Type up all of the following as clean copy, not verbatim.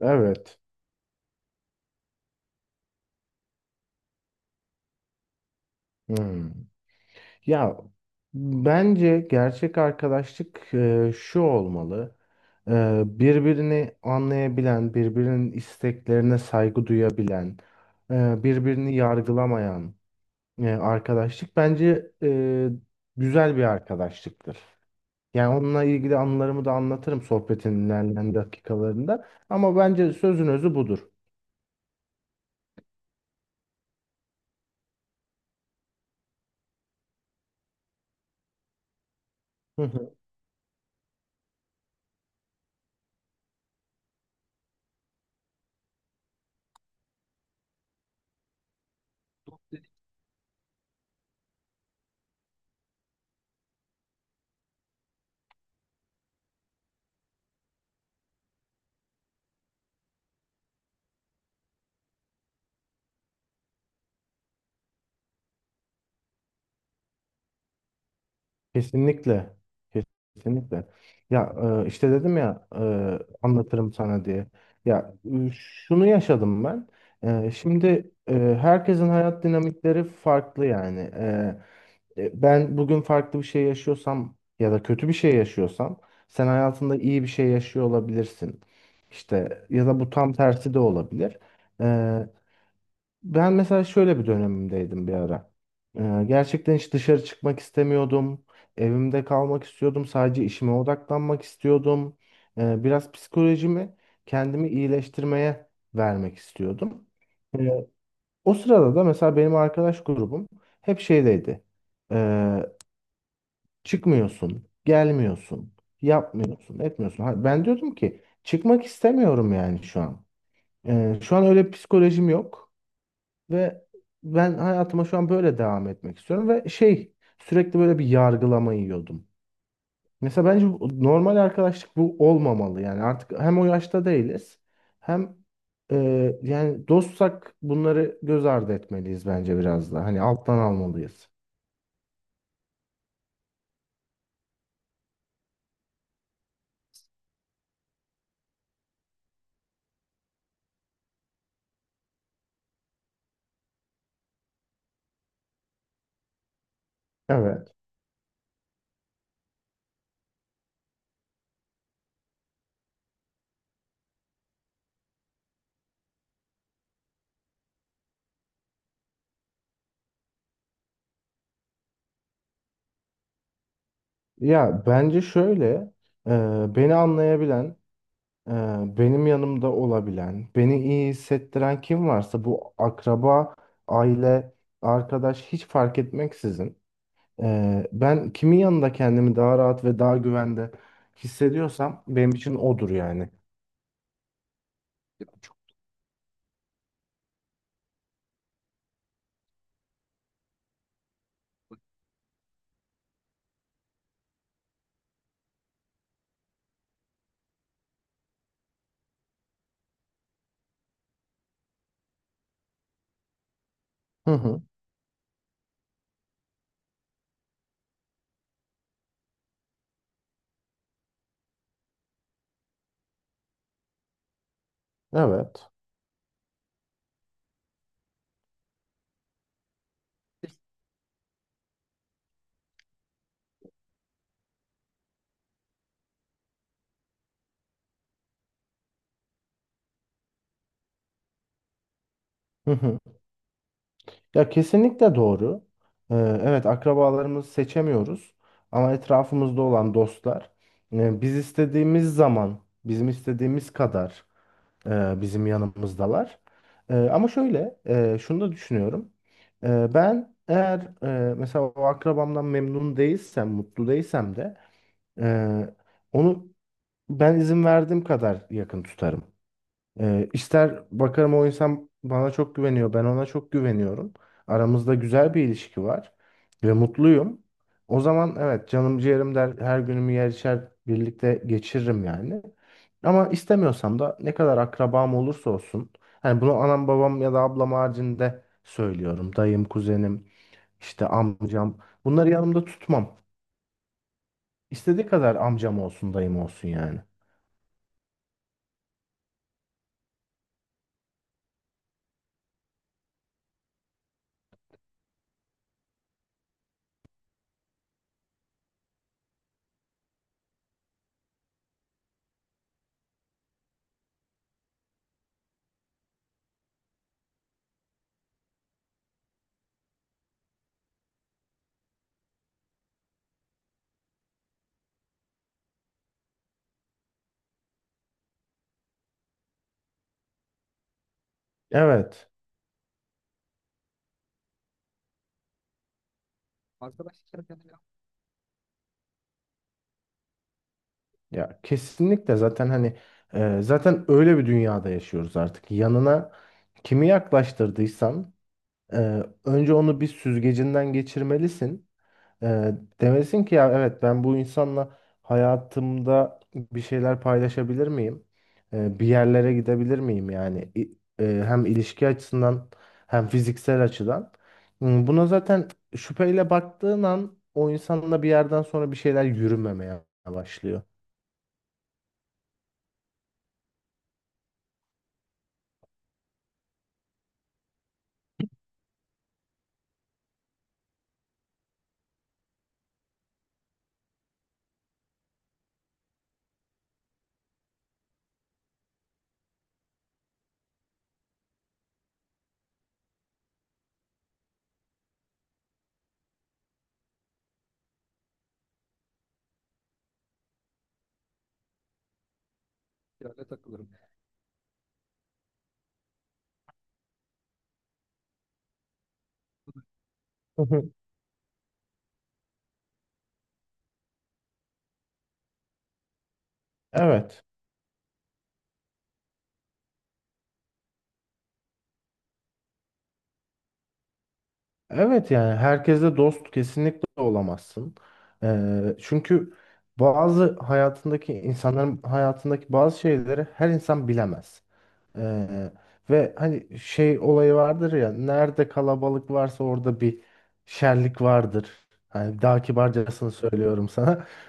Evet. Hmm. Ya bence gerçek arkadaşlık şu olmalı. Birbirini anlayabilen, birbirinin isteklerine saygı duyabilen, birbirini yargılamayan arkadaşlık bence güzel bir arkadaşlıktır. Yani onunla ilgili anılarımı da anlatırım sohbetin ilerleyen dakikalarında. Ama bence sözün özü budur. Kesinlikle. Kesinlikle. Ya işte dedim ya, anlatırım sana diye. Ya şunu yaşadım ben. Şimdi herkesin hayat dinamikleri farklı yani. Ben bugün farklı bir şey yaşıyorsam ya da kötü bir şey yaşıyorsam sen hayatında iyi bir şey yaşıyor olabilirsin. İşte ya da bu tam tersi de olabilir. E, Ben mesela şöyle bir dönemimdeydim bir ara. Gerçekten hiç dışarı çıkmak istemiyordum. Evimde kalmak istiyordum. Sadece işime odaklanmak istiyordum. Biraz psikolojimi, kendimi iyileştirmeye vermek istiyordum. Ee, O sırada da mesela benim arkadaş grubum hep şeydeydi. Ee, Çıkmıyorsun, gelmiyorsun, yapmıyorsun, etmiyorsun. Ha, ben diyordum ki çıkmak istemiyorum yani şu an. Şu an öyle bir psikolojim yok. Ve ben hayatıma şu an böyle devam etmek istiyorum ve şey, sürekli böyle bir yargılama yiyordum. Mesela bence normal arkadaşlık bu olmamalı yani, artık hem o yaşta değiliz hem e, yani dostsak bunları göz ardı etmeliyiz, bence biraz da hani alttan almalıyız. Evet. Ya bence şöyle, e, beni anlayabilen, Ee, benim yanımda olabilen, beni iyi hissettiren kim varsa bu akraba, aile, arkadaş hiç fark etmeksizin, ben kimin yanında kendimi daha rahat ve daha güvende hissediyorsam benim için odur yani. Hı hı, evet. Hı hı. Ya kesinlikle doğru. Ee, evet, akrabalarımızı seçemiyoruz ama etrafımızda olan dostlar biz istediğimiz zaman, bizim istediğimiz kadar bizim yanımızdalar. Ama şöyle, şunu da düşünüyorum. Ben eğer mesela o akrabamdan memnun değilsem, mutlu değilsem de e, onu ben izin verdiğim kadar yakın tutarım. İster bakarım, o insan bana çok güveniyor, ben ona çok güveniyorum. Aramızda güzel bir ilişki var ve mutluyum. O zaman evet, canım ciğerim der, her günümü yer içer birlikte geçiririm yani. Ama istemiyorsam da, ne kadar akrabam olursa olsun. Hani bunu anam babam ya da ablam haricinde söylüyorum. Dayım, kuzenim, işte amcam. Bunları yanımda tutmam. İstediği kadar amcam olsun, dayım olsun yani. Evet. Ya kesinlikle, zaten hani zaten öyle bir dünyada yaşıyoruz artık. Yanına kimi yaklaştırdıysan önce onu bir süzgecinden geçirmelisin. E, Demelisin ki ya evet, ben bu insanla hayatımda bir şeyler paylaşabilir miyim? Bir yerlere gidebilir miyim yani? Hem ilişki açısından hem fiziksel açıdan. Buna zaten şüpheyle baktığın an, o insanla bir yerden sonra bir şeyler yürümemeye başlıyor. Evet. Evet, yani herkesle dost kesinlikle olamazsın. Çünkü bazı hayatındaki insanların hayatındaki bazı şeyleri her insan bilemez. Ee, Ve hani şey olayı vardır ya, nerede kalabalık varsa orada bir şerlik vardır. Hani daha kibarcasını söylüyorum sana.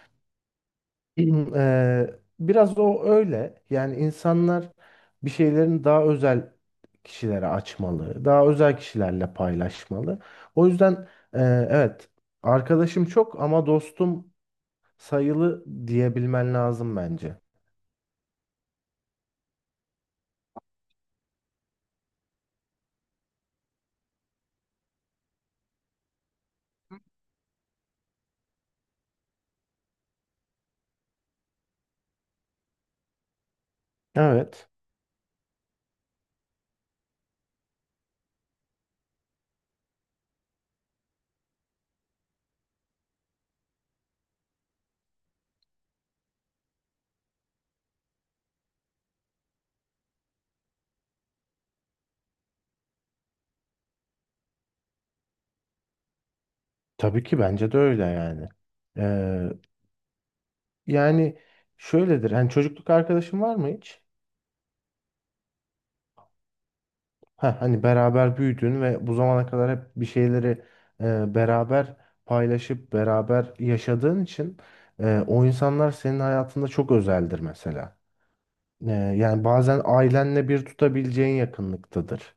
Hmm. Biraz o öyle. Yani insanlar bir şeylerin daha özel kişilere açmalı, daha özel kişilerle paylaşmalı. O yüzden evet, arkadaşım çok ama dostum sayılı diyebilmen lazım bence. Evet, tabii ki bence de öyle yani. Eee, Yani şöyledir. Hani çocukluk arkadaşın var mı hiç? Ha, hani beraber büyüdün ve bu zamana kadar hep bir şeyleri beraber paylaşıp beraber yaşadığın için o insanlar senin hayatında çok özeldir mesela. Yani bazen ailenle bir tutabileceğin yakınlıktadır.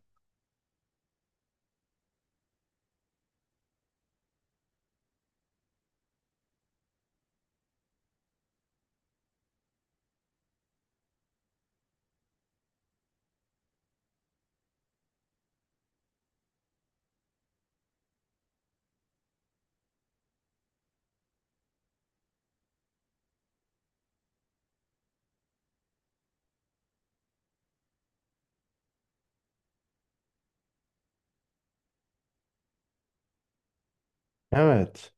Evet.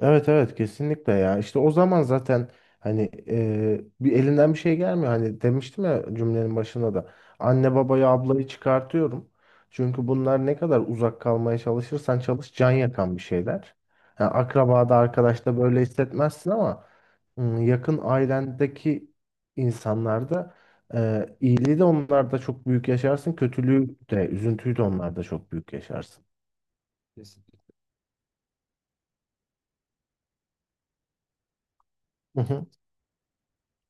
Evet, evet, kesinlikle. Ya işte o zaman zaten hani, bir elinden bir şey gelmiyor. Hani demiştim ya cümlenin başında da, anne babayı, ablayı çıkartıyorum, çünkü bunlar ne kadar uzak kalmaya çalışırsan çalış, can yakan bir şeyler. Yani akrabada, arkadaşta böyle hissetmezsin ama yakın ailendeki insanlarda iyiliği de onlarda çok büyük yaşarsın, kötülüğü de, üzüntüyü de onlarda çok büyük yaşarsın. Hı hı.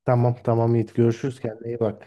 Tamam, tamam Yiğit, görüşürüz, kendine iyi bak.